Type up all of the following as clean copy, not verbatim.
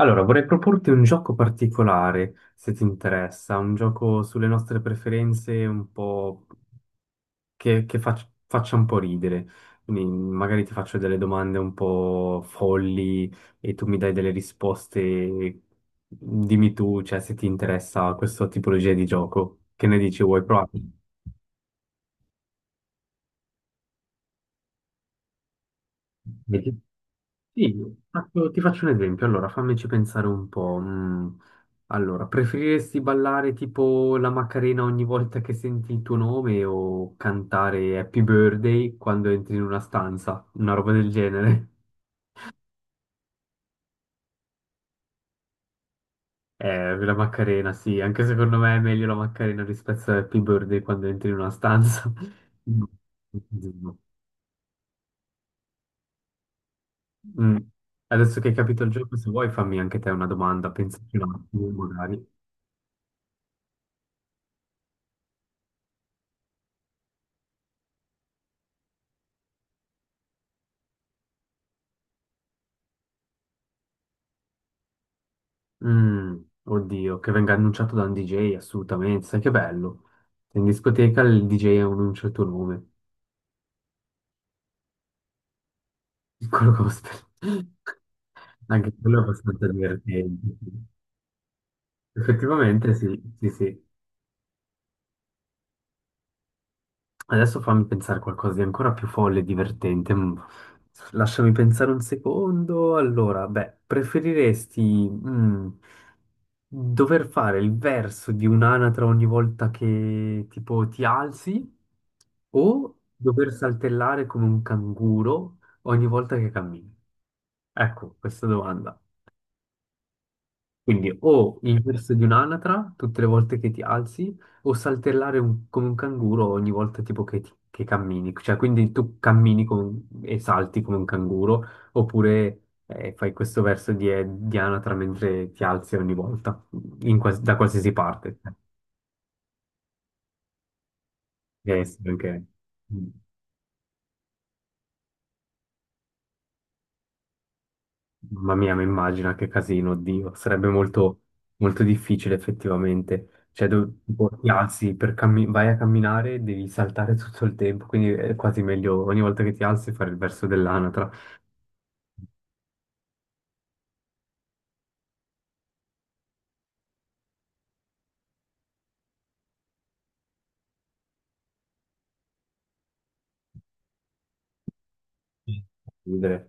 Allora, vorrei proporti un gioco particolare, se ti interessa, un gioco sulle nostre preferenze, un po' faccia un po' ridere. Quindi magari ti faccio delle domande un po' folli e tu mi dai delle risposte. Dimmi tu, cioè, se ti interessa questa tipologia di gioco. Che ne dici? Vuoi provare? Sì, ti faccio un esempio. Allora, fammici pensare un po'. Allora, preferiresti ballare tipo la Macarena ogni volta che senti il tuo nome o cantare Happy Birthday quando entri in una stanza? Una roba del genere. La Macarena, sì, anche secondo me è meglio la Macarena rispetto a Happy Birthday quando entri in una stanza. Mm. Mm. Adesso che hai capito il gioco, se vuoi fammi anche te una domanda, pensaci un attimo, magari. Mm, oddio, che venga annunciato da un DJ, assolutamente, sai che bello. In discoteca il DJ annuncia il tuo nome, piccolo gospel. Anche quello è abbastanza divertente. Effettivamente sì, sì, sì. Adesso fammi pensare qualcosa di ancora più folle e divertente. Mm. Lasciami pensare un secondo. Allora, beh, preferiresti mm, dover fare il verso di un'anatra ogni volta che tipo ti alzi o dover saltellare come un canguro ogni volta che cammini? Ecco, questa domanda. Quindi o il verso di un'anatra tutte le volte che ti alzi, o saltellare come un canguro ogni volta tipo che, che cammini. Cioè, quindi tu cammini come e salti come un canguro, oppure fai questo verso di anatra mentre ti alzi ogni volta, in da qualsiasi parte. Cioè, deve essere anche- mm. Mamma mia, mi immagino che casino, oddio, sarebbe molto, molto difficile effettivamente. Cioè, tipo, ti alzi per vai a camminare, devi saltare tutto il tempo, quindi è quasi meglio ogni volta che ti alzi fare il verso dell'anatra. Ridere.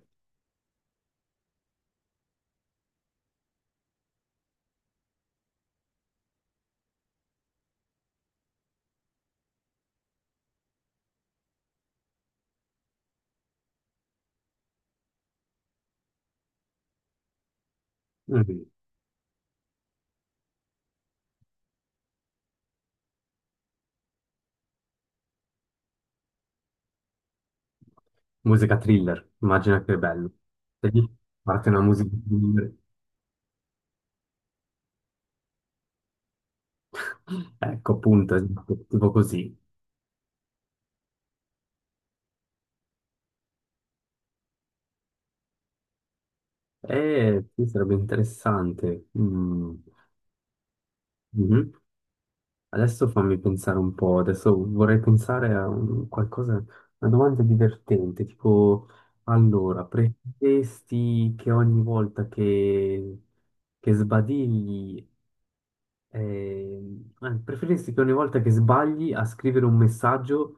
Mm. Musica thriller, immagina che bello. E lì parte una musica thriller. Ecco, appunto, esatto, tipo così. Sì, sarebbe interessante. Mm. Mhm. Adesso fammi pensare un po', adesso vorrei pensare a qualcosa, una domanda divertente, tipo, allora, preferiresti che ogni volta che sbadigli, eh, preferiresti che ogni volta che sbagli a scrivere un messaggio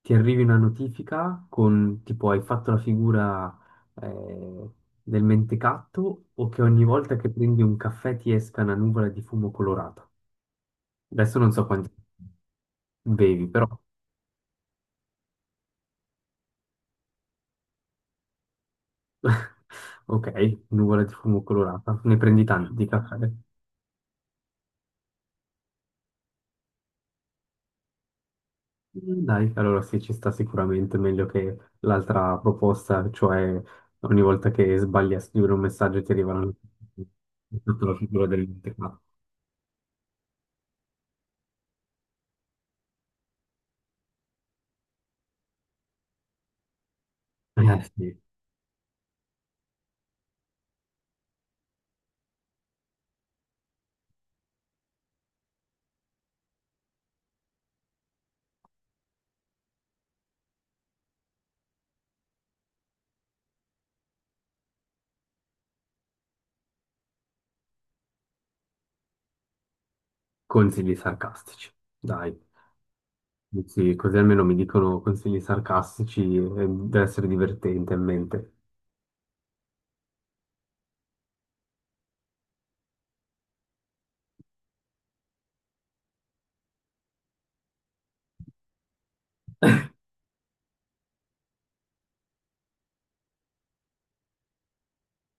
ti arrivi una notifica con, tipo, hai fatto la figura, eh, del mentecatto o che ogni volta che prendi un caffè ti esca una nuvola di fumo colorata? Adesso non so quanti... Bevi però. Ok, nuvola di fumo colorata. Ne prendi tanti di caffè. Mm, dai, allora sì, ci sta sicuramente meglio che l'altra proposta, cioè ogni volta che sbagli a scrivere un messaggio ti arrivano tutta la figura dell'interno. Eh sì, consigli sarcastici. Dai, sì, così almeno mi dicono consigli sarcastici e deve essere divertente in mente.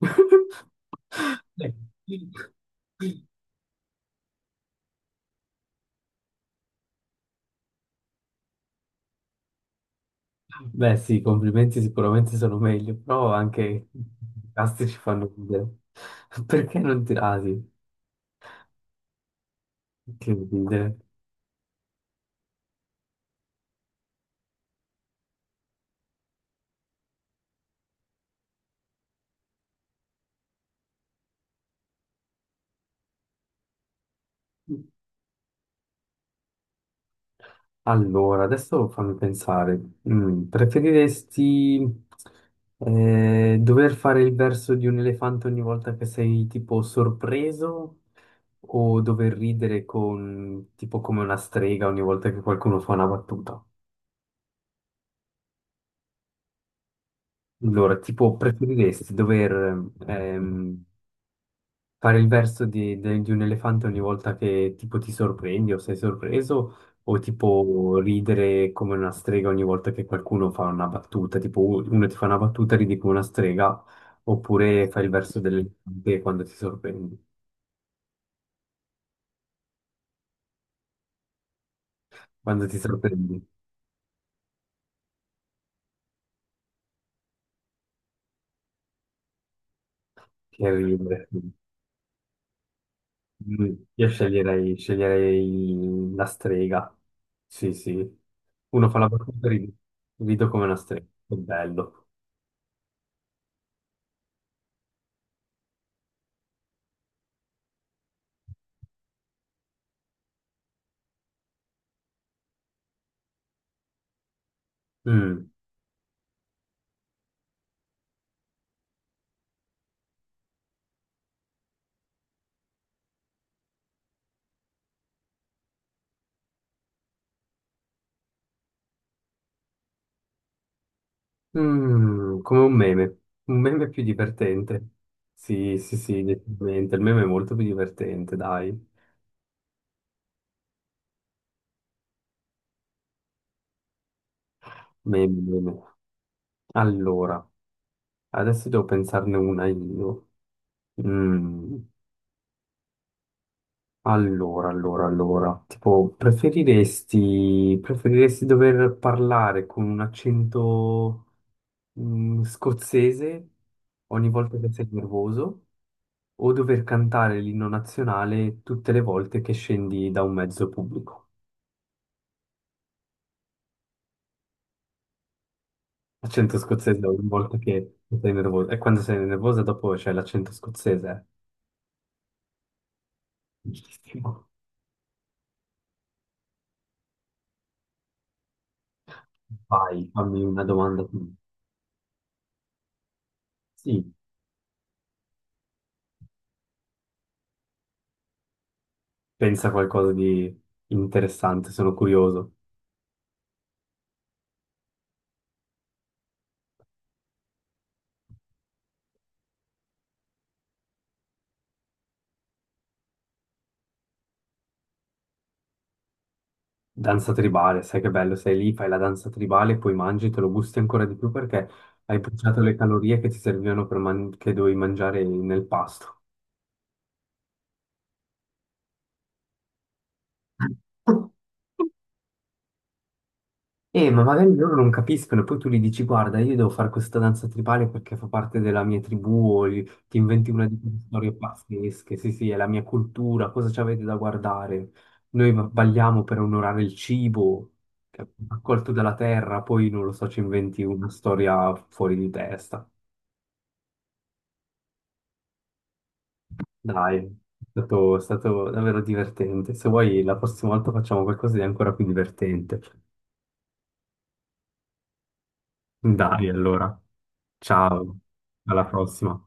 Dai. Beh, sì, i complimenti sicuramente sono meglio, però anche i casti ci fanno ridere. Perché non tirati? Che ridere. Allora, adesso fammi pensare. Mm, preferiresti dover fare il verso di un elefante ogni volta che sei tipo sorpreso o dover ridere con, tipo come una strega ogni volta che qualcuno fa una battuta? Allora, tipo, preferiresti dover fare il verso di un elefante ogni volta che tipo ti sorprendi o sei sorpreso, o tipo ridere come una strega ogni volta che qualcuno fa una battuta, tipo uno ti fa una battuta e ridi come una strega, oppure fai il verso dell'elefante quando ti sorprendi, che è ridere. Mm, io sceglierei la strega, sì sì, uno fa la battuta e rido come una strega, che bello. Mm. Mm, come un meme più divertente. Sì, sì, sì, decisamente. Il meme è molto più divertente, dai. Meme, meme. Allora, adesso devo pensarne una io. Mm, allora. Tipo, preferiresti dover parlare con un accento, scozzese ogni volta che sei nervoso o dover cantare l'inno nazionale tutte le volte che scendi da un mezzo pubblico? L'accento scozzese ogni volta che sei nervoso. E quando sei nervosa dopo c'è l'accento scozzese. Bellissimo. Vai, fammi una domanda tu. Sì, pensa a qualcosa di interessante, sono curioso. Danza tribale, sai che bello, sei lì, fai la danza tribale, poi mangi, te lo gusti ancora di più perché hai bruciato le calorie che ti servivano per che dovevi mangiare nel pasto. Ma magari loro non capiscono, poi tu gli dici, guarda, io devo fare questa danza tribale perché fa parte della mia tribù, o ti inventi una di quelle storie pazzesche, sì, sì, è la mia cultura, cosa ci avete da guardare? Noi balliamo per onorare il cibo, che è raccolto dalla terra, poi non lo so, ci inventi una storia fuori di testa. Dai, è stato davvero divertente. Se vuoi, la prossima volta facciamo qualcosa di ancora più divertente. Dai, allora, ciao, alla prossima.